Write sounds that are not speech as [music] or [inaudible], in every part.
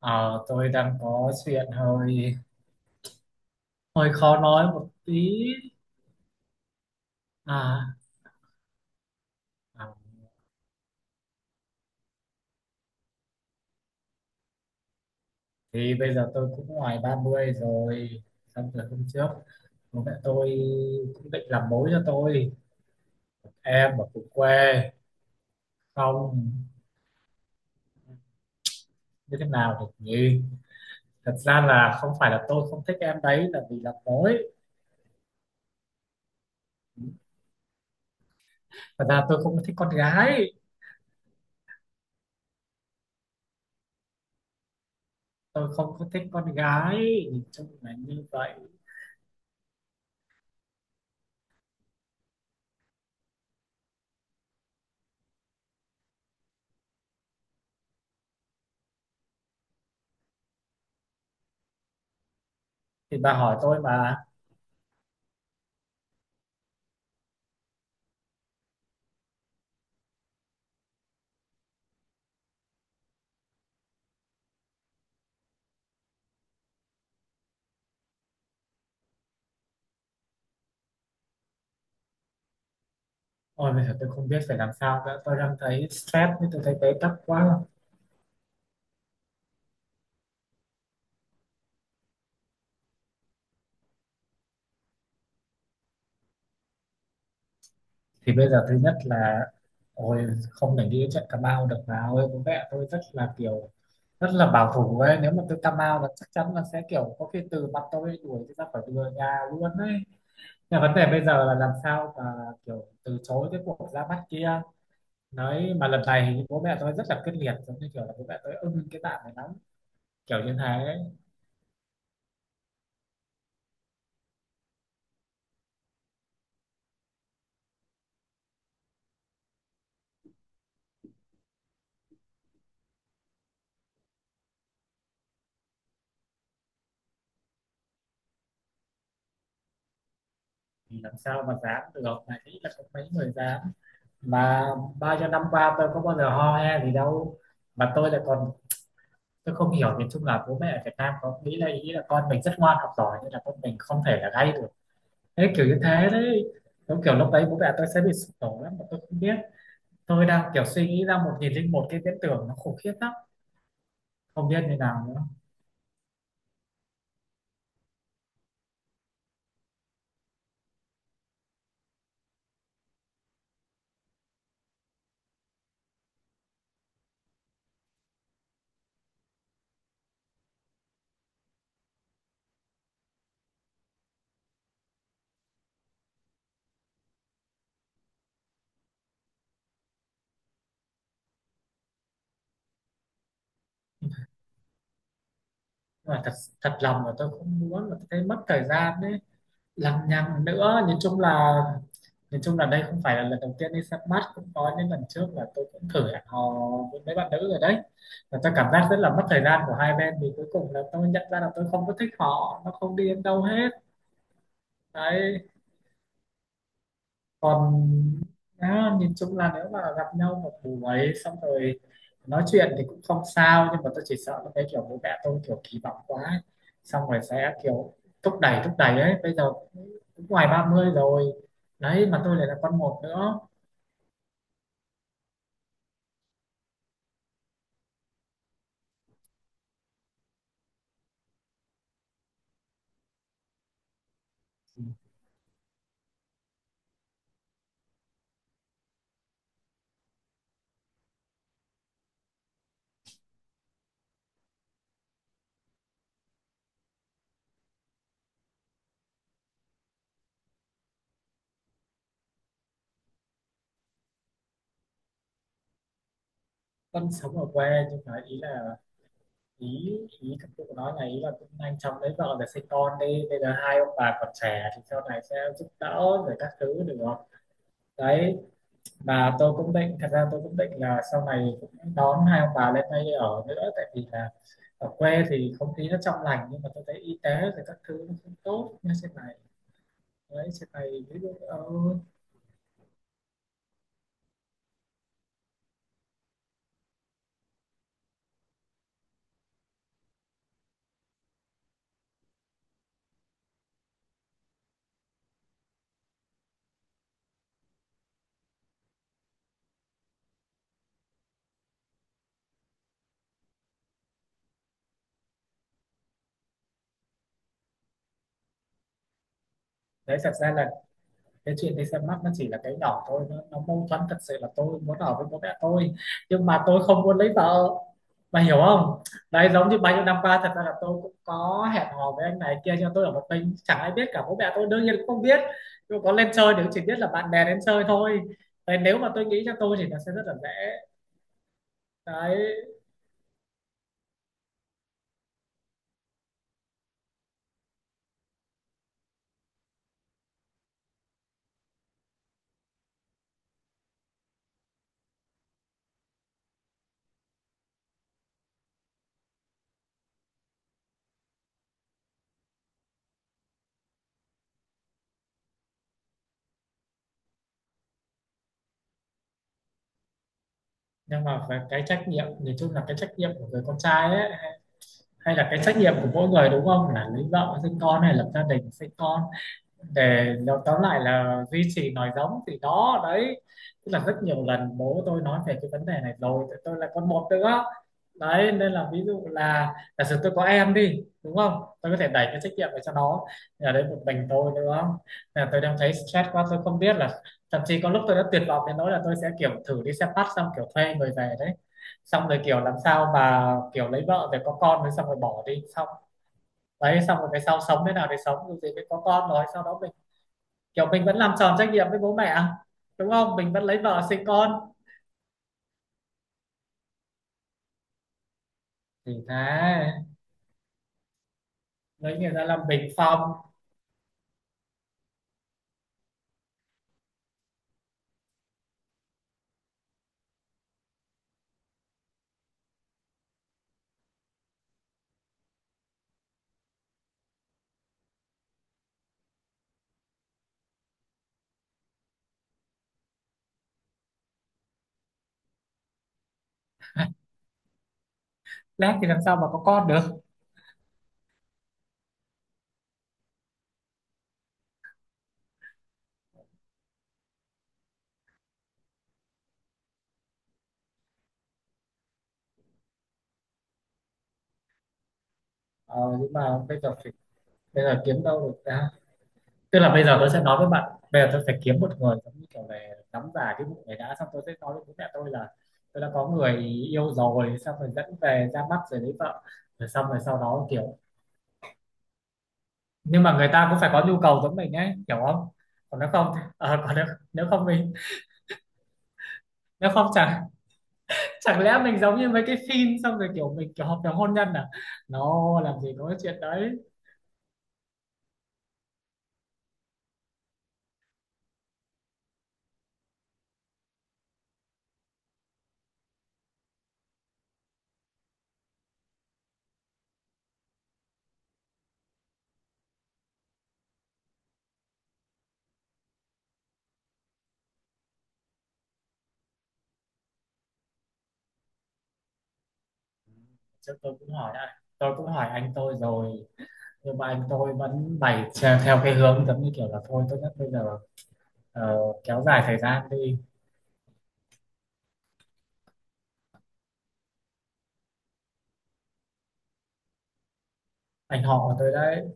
Ờ, tôi đang có chuyện hơi hơi khó nói một tí. À, à thì bây giờ tôi cũng ngoài 30 rồi, xong rồi hôm trước bố mẹ tôi cũng định làm mối cho tôi một em ở cùng quê. Không, như thế nào được nhỉ. Thật ra là không phải là tôi không thích em đấy là vì làm mối, thật ra tôi không thích con gái. Tôi không có thích con gái, nhìn chung là như vậy. Thì bà hỏi tôi mà. Ôi, bây giờ tôi không biết phải làm sao nữa. Tôi đang thấy stress, với tôi thấy bế tắc quá. Thì bây giờ thứ nhất là, ôi, không thể đi đến trận Cà Mau được nào. Ôi, bố mẹ tôi rất là kiểu rất là bảo thủ ấy. Nếu mà tôi Cà Mau là chắc chắn là sẽ kiểu có khi từ mặt tôi, đuổi tôi ra khỏi cửa nhà luôn ấy. Nhưng mà vấn đề bây giờ là làm sao mà kiểu từ chối cái cuộc ra mắt kia. Nói mà lần này thì bố mẹ tôi rất là quyết liệt, giống như kiểu là bố mẹ tôi ưng cái bạn này lắm, kiểu như thế ấy. Thì làm sao mà dám được này, nghĩ là có mấy người dám mà bao nhiêu năm qua tôi có bao giờ ho he gì đâu, mà tôi lại còn, tôi không hiểu. Nhìn chung là bố mẹ ở Việt Nam có nghĩ là ý là con mình rất ngoan học giỏi, nên là con mình không thể là gay được, thế kiểu như thế đấy. Đúng kiểu lúc đấy bố mẹ tôi sẽ bị sụp đổ lắm mà tôi không biết. Tôi đang kiểu suy nghĩ ra 1.001 cái viễn tưởng, nó khủng khiếp lắm, không biết như nào nữa. Nhưng mà thật thật lòng là tôi không muốn, là tôi thấy mất thời gian đấy, lằng nhằng nữa. Nhìn chung là đây không phải là lần đầu tiên đi săn bắt, cũng có những lần trước là tôi cũng thử hẹn hò với mấy bạn nữ rồi đấy. Và tôi cảm giác rất là mất thời gian của hai bên, vì cuối cùng là tôi nhận ra là tôi không có thích họ, nó không đi đến đâu hết đấy. Còn á, nhìn chung là nếu mà gặp nhau một buổi xong rồi nói chuyện thì cũng không sao, nhưng mà tôi chỉ sợ là cái kiểu bố mẹ tôi kiểu kỳ vọng quá ấy. Xong rồi sẽ kiểu thúc đẩy ấy. Bây giờ cũng ngoài 30 rồi đấy, mà tôi lại là con một nữa. Con sống ở quê, nhưng mà ý là, ý ý các cụ nói là ý là cũng nhanh chóng lấy vợ để sinh con đi, bây giờ hai ông bà còn trẻ thì sau này sẽ giúp đỡ rồi các thứ được không đấy. Và tôi cũng định, thật ra tôi cũng định là sau này cũng đón hai ông bà lên đây ở nữa, tại vì là ở quê thì không khí nó trong lành, nhưng mà tôi thấy y tế thì các thứ nó không tốt như thế này đấy. Thế này ví dụ đấy, thật ra là cái chuyện đi xem mắt nó chỉ là cái nhỏ thôi. Nó mâu thuẫn, thật sự là tôi muốn ở với bố mẹ tôi nhưng mà tôi không muốn lấy vợ mà, hiểu không. Đấy, giống như bao nhiêu năm qua thật ra là tôi cũng có hẹn hò với anh này kia, nhưng mà tôi ở một mình chẳng ai biết cả, bố mẹ tôi đương nhiên cũng không biết. Nhưng mà có lên chơi thì cũng chỉ biết là bạn bè đến chơi thôi. Đấy, nếu mà tôi nghĩ cho tôi thì nó sẽ rất là dễ đấy. Nhưng mà về cái trách nhiệm, nhìn chung là cái trách nhiệm của người con trai ấy, hay là cái trách nhiệm của mỗi người đúng không, là lấy vợ sinh con hay lập gia đình sinh con, để tóm lại là duy trì nòi giống thì đó đấy. Tức là rất nhiều lần bố tôi nói về cái vấn đề này rồi, tại tôi là con một nữa đấy. Nên là ví dụ là giả sử tôi có em đi đúng không, tôi có thể đẩy cái trách nhiệm về cho nó. Nhà đến một mình tôi đúng không, là tôi đang thấy stress quá, tôi không biết là thậm chí có lúc tôi đã tuyệt vọng đến nỗi là tôi sẽ kiểu thử đi xe bắt xong kiểu thuê người về đấy, xong rồi kiểu làm sao mà kiểu lấy vợ rồi có con rồi xong rồi bỏ đi xong. Đấy, xong rồi cái sau sống thế nào thì sống, dù gì mới có con rồi sau đó mình kiểu mình vẫn làm tròn trách nhiệm với bố mẹ đúng không, mình vẫn lấy vợ sinh con thì thế, lấy người ta làm bình phong. Lát thì làm sao mà có con được. Ờ, nhưng mà bây giờ phải, bây giờ kiếm đâu được ra. Tức là bây giờ tôi sẽ nói với bạn, bây giờ tôi phải kiếm một người giống như kiểu về nắm giả cái vụ này đã, xong tôi sẽ nói với bố mẹ tôi là tôi đã có người yêu rồi, xong rồi dẫn về ra mắt rồi lấy vợ rồi, xong rồi sau đó kiểu. Nhưng mà người ta cũng phải có nhu cầu giống mình ấy, hiểu không. Còn nếu không, ờ, còn nếu, nếu không mình, nếu không chẳng, chẳng lẽ mình giống như mấy cái phim xong rồi kiểu mình kiểu hợp đồng hôn nhân à, nó làm gì có cái chuyện đấy. Chứ tôi cũng hỏi anh, tôi cũng hỏi anh tôi rồi, nhưng mà anh tôi vẫn bày theo cái hướng giống như kiểu là thôi, tốt nhất bây giờ ờ, kéo dài thời gian đi. Anh họ của tôi đấy.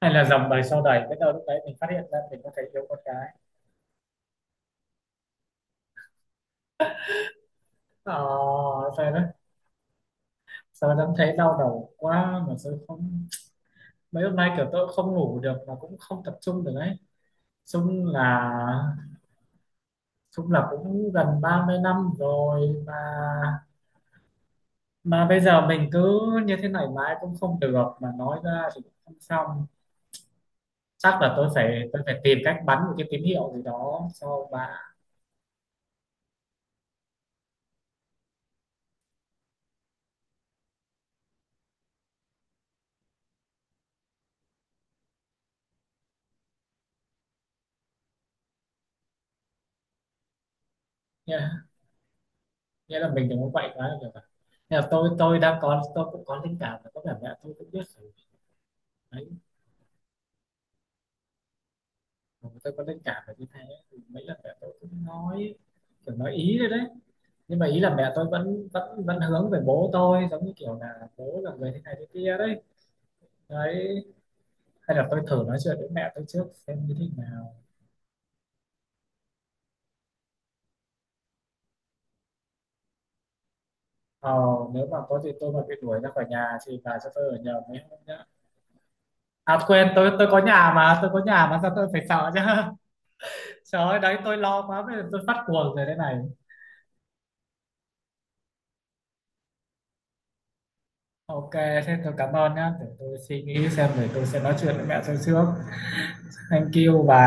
Hay là dòng đời sau đẩy biết đâu lúc đấy mình phát hiện ra mình có thể yêu con gái. Ờ, sao đấy, sao đó thấy đau đầu quá mà sao không. Mấy hôm nay kiểu tôi cũng không ngủ được mà cũng không tập trung được đấy. Chung là, chung là cũng gần 30 năm rồi mà bây giờ mình cứ như thế này mãi cũng không được, mà nói ra thì cũng không xong. Chắc là tôi phải tìm cách bắn một cái tín hiệu gì đó cho bà nha. Nghĩa là mình đừng có quậy quá là được rồi. Nghĩa là tôi đang có, tôi cũng có linh cảm và có vẻ mẹ tôi cũng biết rồi đấy, mà tôi có linh cảm là như thế. Thì mấy lần mẹ tôi cũng nói kiểu nói ý rồi đấy, nhưng mà ý là mẹ tôi vẫn vẫn vẫn hướng về bố tôi, giống như kiểu là bố là người thế này thế kia đấy. Đấy, hay là tôi thử nói chuyện với mẹ tôi trước xem như thế nào. Ờ, nếu mà có gì tôi mà bị đuổi ra khỏi nhà thì bà cho tôi ở nhờ mấy hôm nhá. À quên, tôi có nhà mà, tôi có nhà mà, sao tôi phải sợ chứ. [laughs] Trời ơi đấy, tôi lo quá, bây giờ tôi phát cuồng rồi đây này. OK, thế tôi cảm ơn nhá, để tôi suy nghĩ xem, để tôi sẽ nói chuyện với mẹ tôi trước. Thank you bà.